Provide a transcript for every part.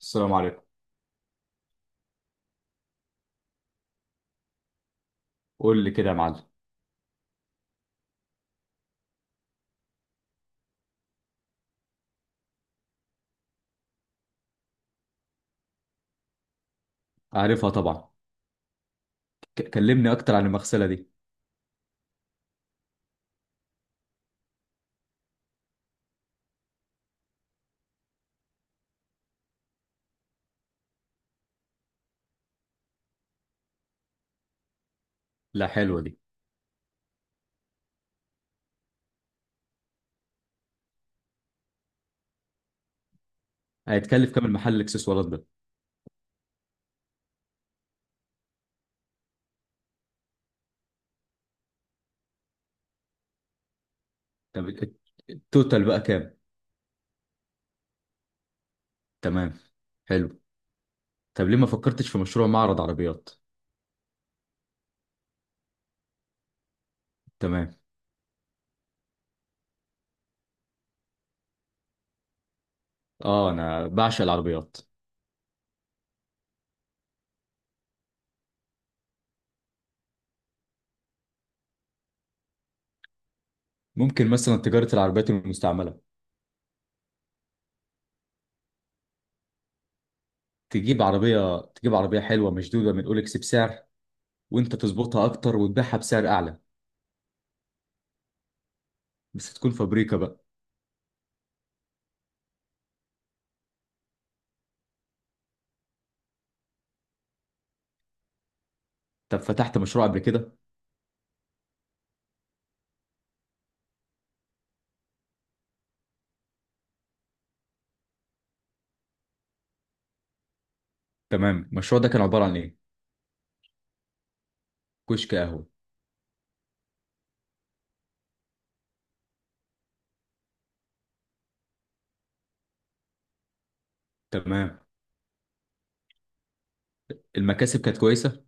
السلام عليكم. قول لي كده يا معلم. عارفها طبعا. كلمني اكتر عن المغسله دي. لا، حلوه دي. هيتكلف كام المحل الاكسسوارات ده؟ طب التوتال بقى كام؟ تمام. حلو. طب ليه ما فكرتش في مشروع معرض عربيات؟ تمام. اه انا بعشق العربيات. ممكن مثلا تجاره العربيات المستعمله. تجيب عربيه حلوه مشدوده من اولكس بسعر، وانت تظبطها اكتر وتبيعها بسعر اعلى. بس تكون فابريكا بقى. طب فتحت مشروع قبل كده؟ تمام. المشروع ده كان عباره عن ايه؟ كشك قهوه. تمام. المكاسب كانت كويسه؟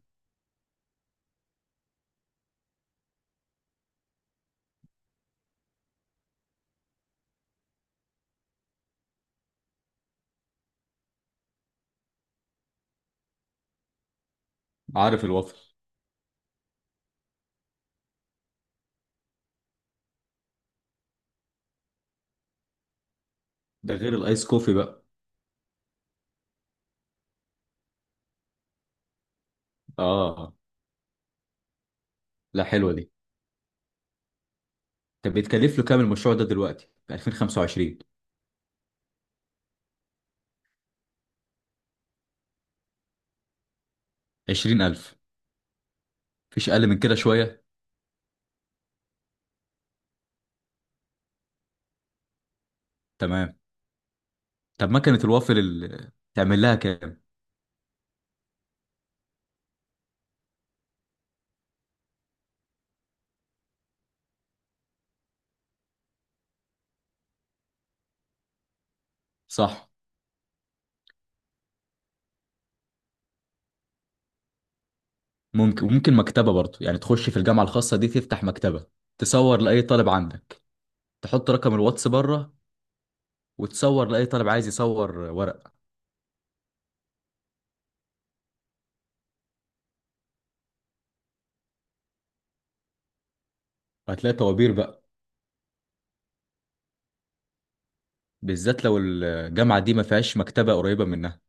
عارف الوافل. ده غير الايس كوفي بقى؟ اه. لا، حلوه دي. طب بيتكلف له كام المشروع ده دلوقتي في 2025؟ 20000. مفيش اقل من كده شويه؟ تمام. طب مكنه الوافل اللي تعمل لها كام؟ صح. ممكن، وممكن مكتبه برضه يعني تخش في الجامعه الخاصه دي تفتح مكتبه. تصور لاي طالب عندك. تحط رقم الواتس بره. وتصور لاي طالب عايز يصور ورق. هتلاقي طوابير بقى. بالذات لو الجامعه دي ما فيهاش مكتبه قريبه منها.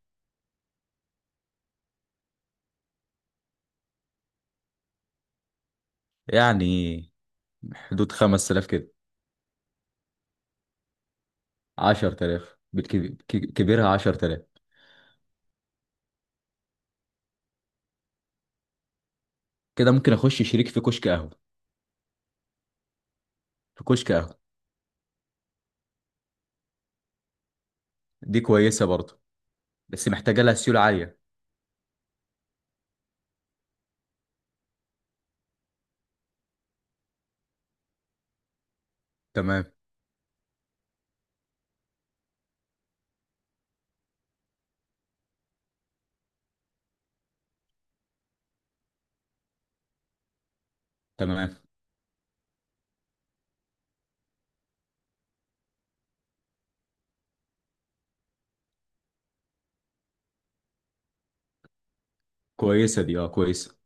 يعني حدود 5000 كده. 10000 بالكبير، كبيرها 10000. كده ممكن اخش شريك في كشك قهوه. في كشك قهوه. دي كويسه برضه. بس محتاجه لها سيوله عاليه. تمام. تمام، كويسه دي، اه، كويسه.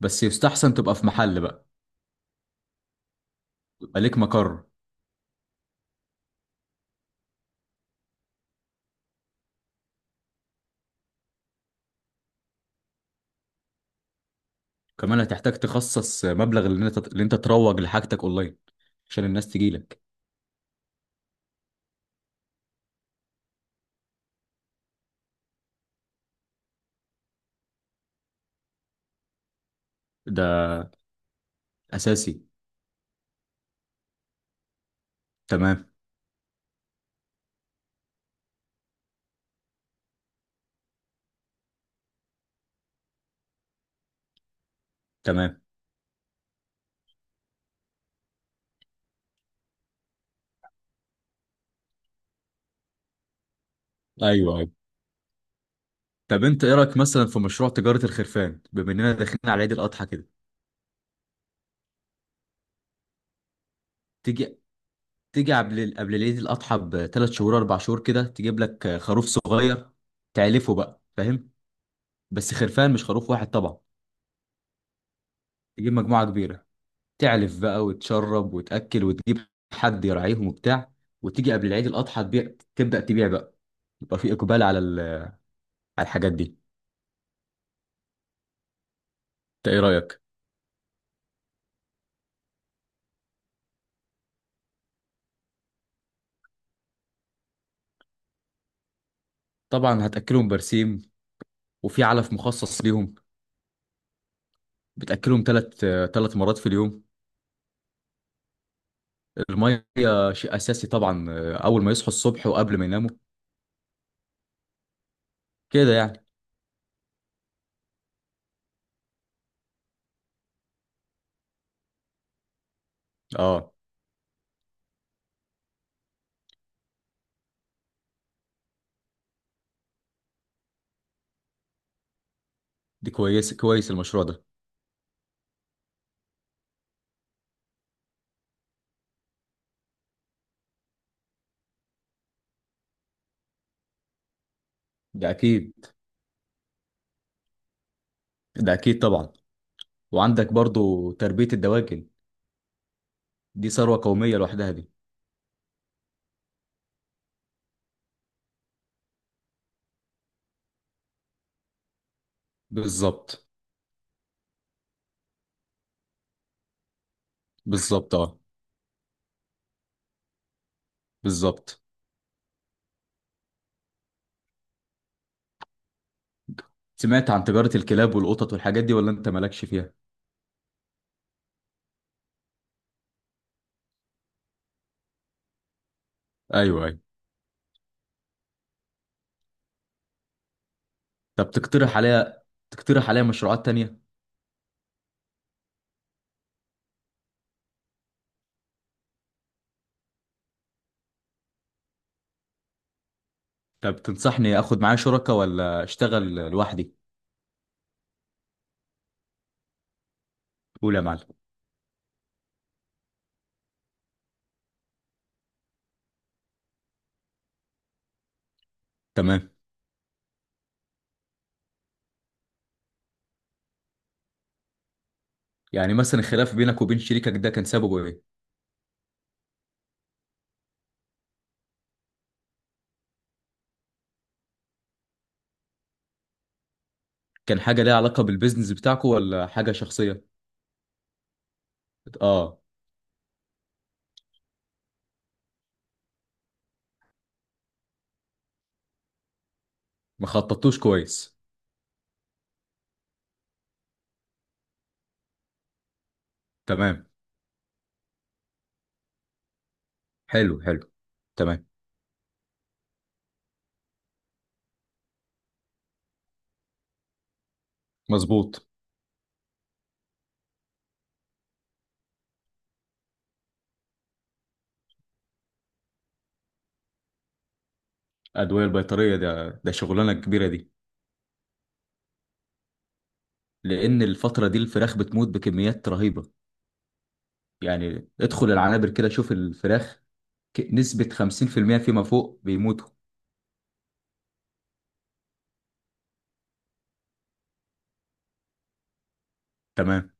بس يستحسن تبقى في محل بقى. يبقى ليك مقر. كمان هتحتاج تخصص مبلغ اللي انت تروج لحاجتك اونلاين. عشان الناس تجيلك. ده اساسي. تمام، تمام. ايوه، ايوه. طب انت ايه رايك مثلا في مشروع تجاره الخرفان بما اننا داخلين على عيد الاضحى كده؟ تيجي تيجي قبل العيد الاضحى ب3 شهور 4 شهور كده تجيب لك خروف صغير. تعلفه بقى، فاهم. بس خرفان مش خروف واحد طبعا. تجيب مجموعه كبيره. تعلف بقى وتشرب وتاكل وتجيب. حد يراعيهم وبتاع. وتيجي قبل العيد الاضحى تبدا تبيع بقى. يبقى في اقبال على على الحاجات دي. انت ايه رايك؟ طبعا هتاكلهم برسيم. وفي علف مخصص ليهم. بتاكلهم 3 مرات في اليوم. الميه شيء اساسي طبعا. اول ما يصحوا الصبح وقبل ما يناموا. كده يعني. اه. دي كويس كويس المشروع ده. ده اكيد. ده اكيد طبعا. وعندك برضو تربية الدواجن. دي ثروة قومية لوحدها دي. بالظبط. بالظبط، اه، بالظبط. سمعت عن تجارة الكلاب والقطط والحاجات دي ولا انت مالكش فيها؟ ايوه، ايوه. طب تقترح عليا مشروعات تانية. طب تنصحني اخد معايا شركة ولا اشتغل لوحدي؟ قول يا معلم. تمام. يعني مثلا الخلاف بينك وبين شريكك ده كان سببه ايه؟ كان حاجة ليها علاقة بالبيزنس بتاعكو ولا حاجة شخصية؟ اه. ما خططتوش كويس. تمام. حلو، حلو. تمام. مظبوط. ادويه البيطريه ده شغلانه كبيره دي. لان الفتره دي الفراخ بتموت بكميات رهيبه. يعني ادخل العنابر كده شوف الفراخ. نسبه 50% فيما فوق بيموتوا. تمام.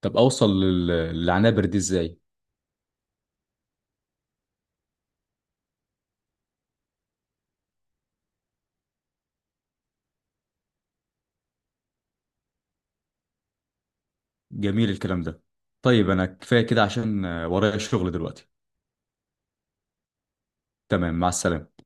طب اوصل للعنابر دي ازاي؟ جميل الكلام ده. طيب انا كفايه كده عشان ورايا شغل دلوقتي. تمام، مع السلامه.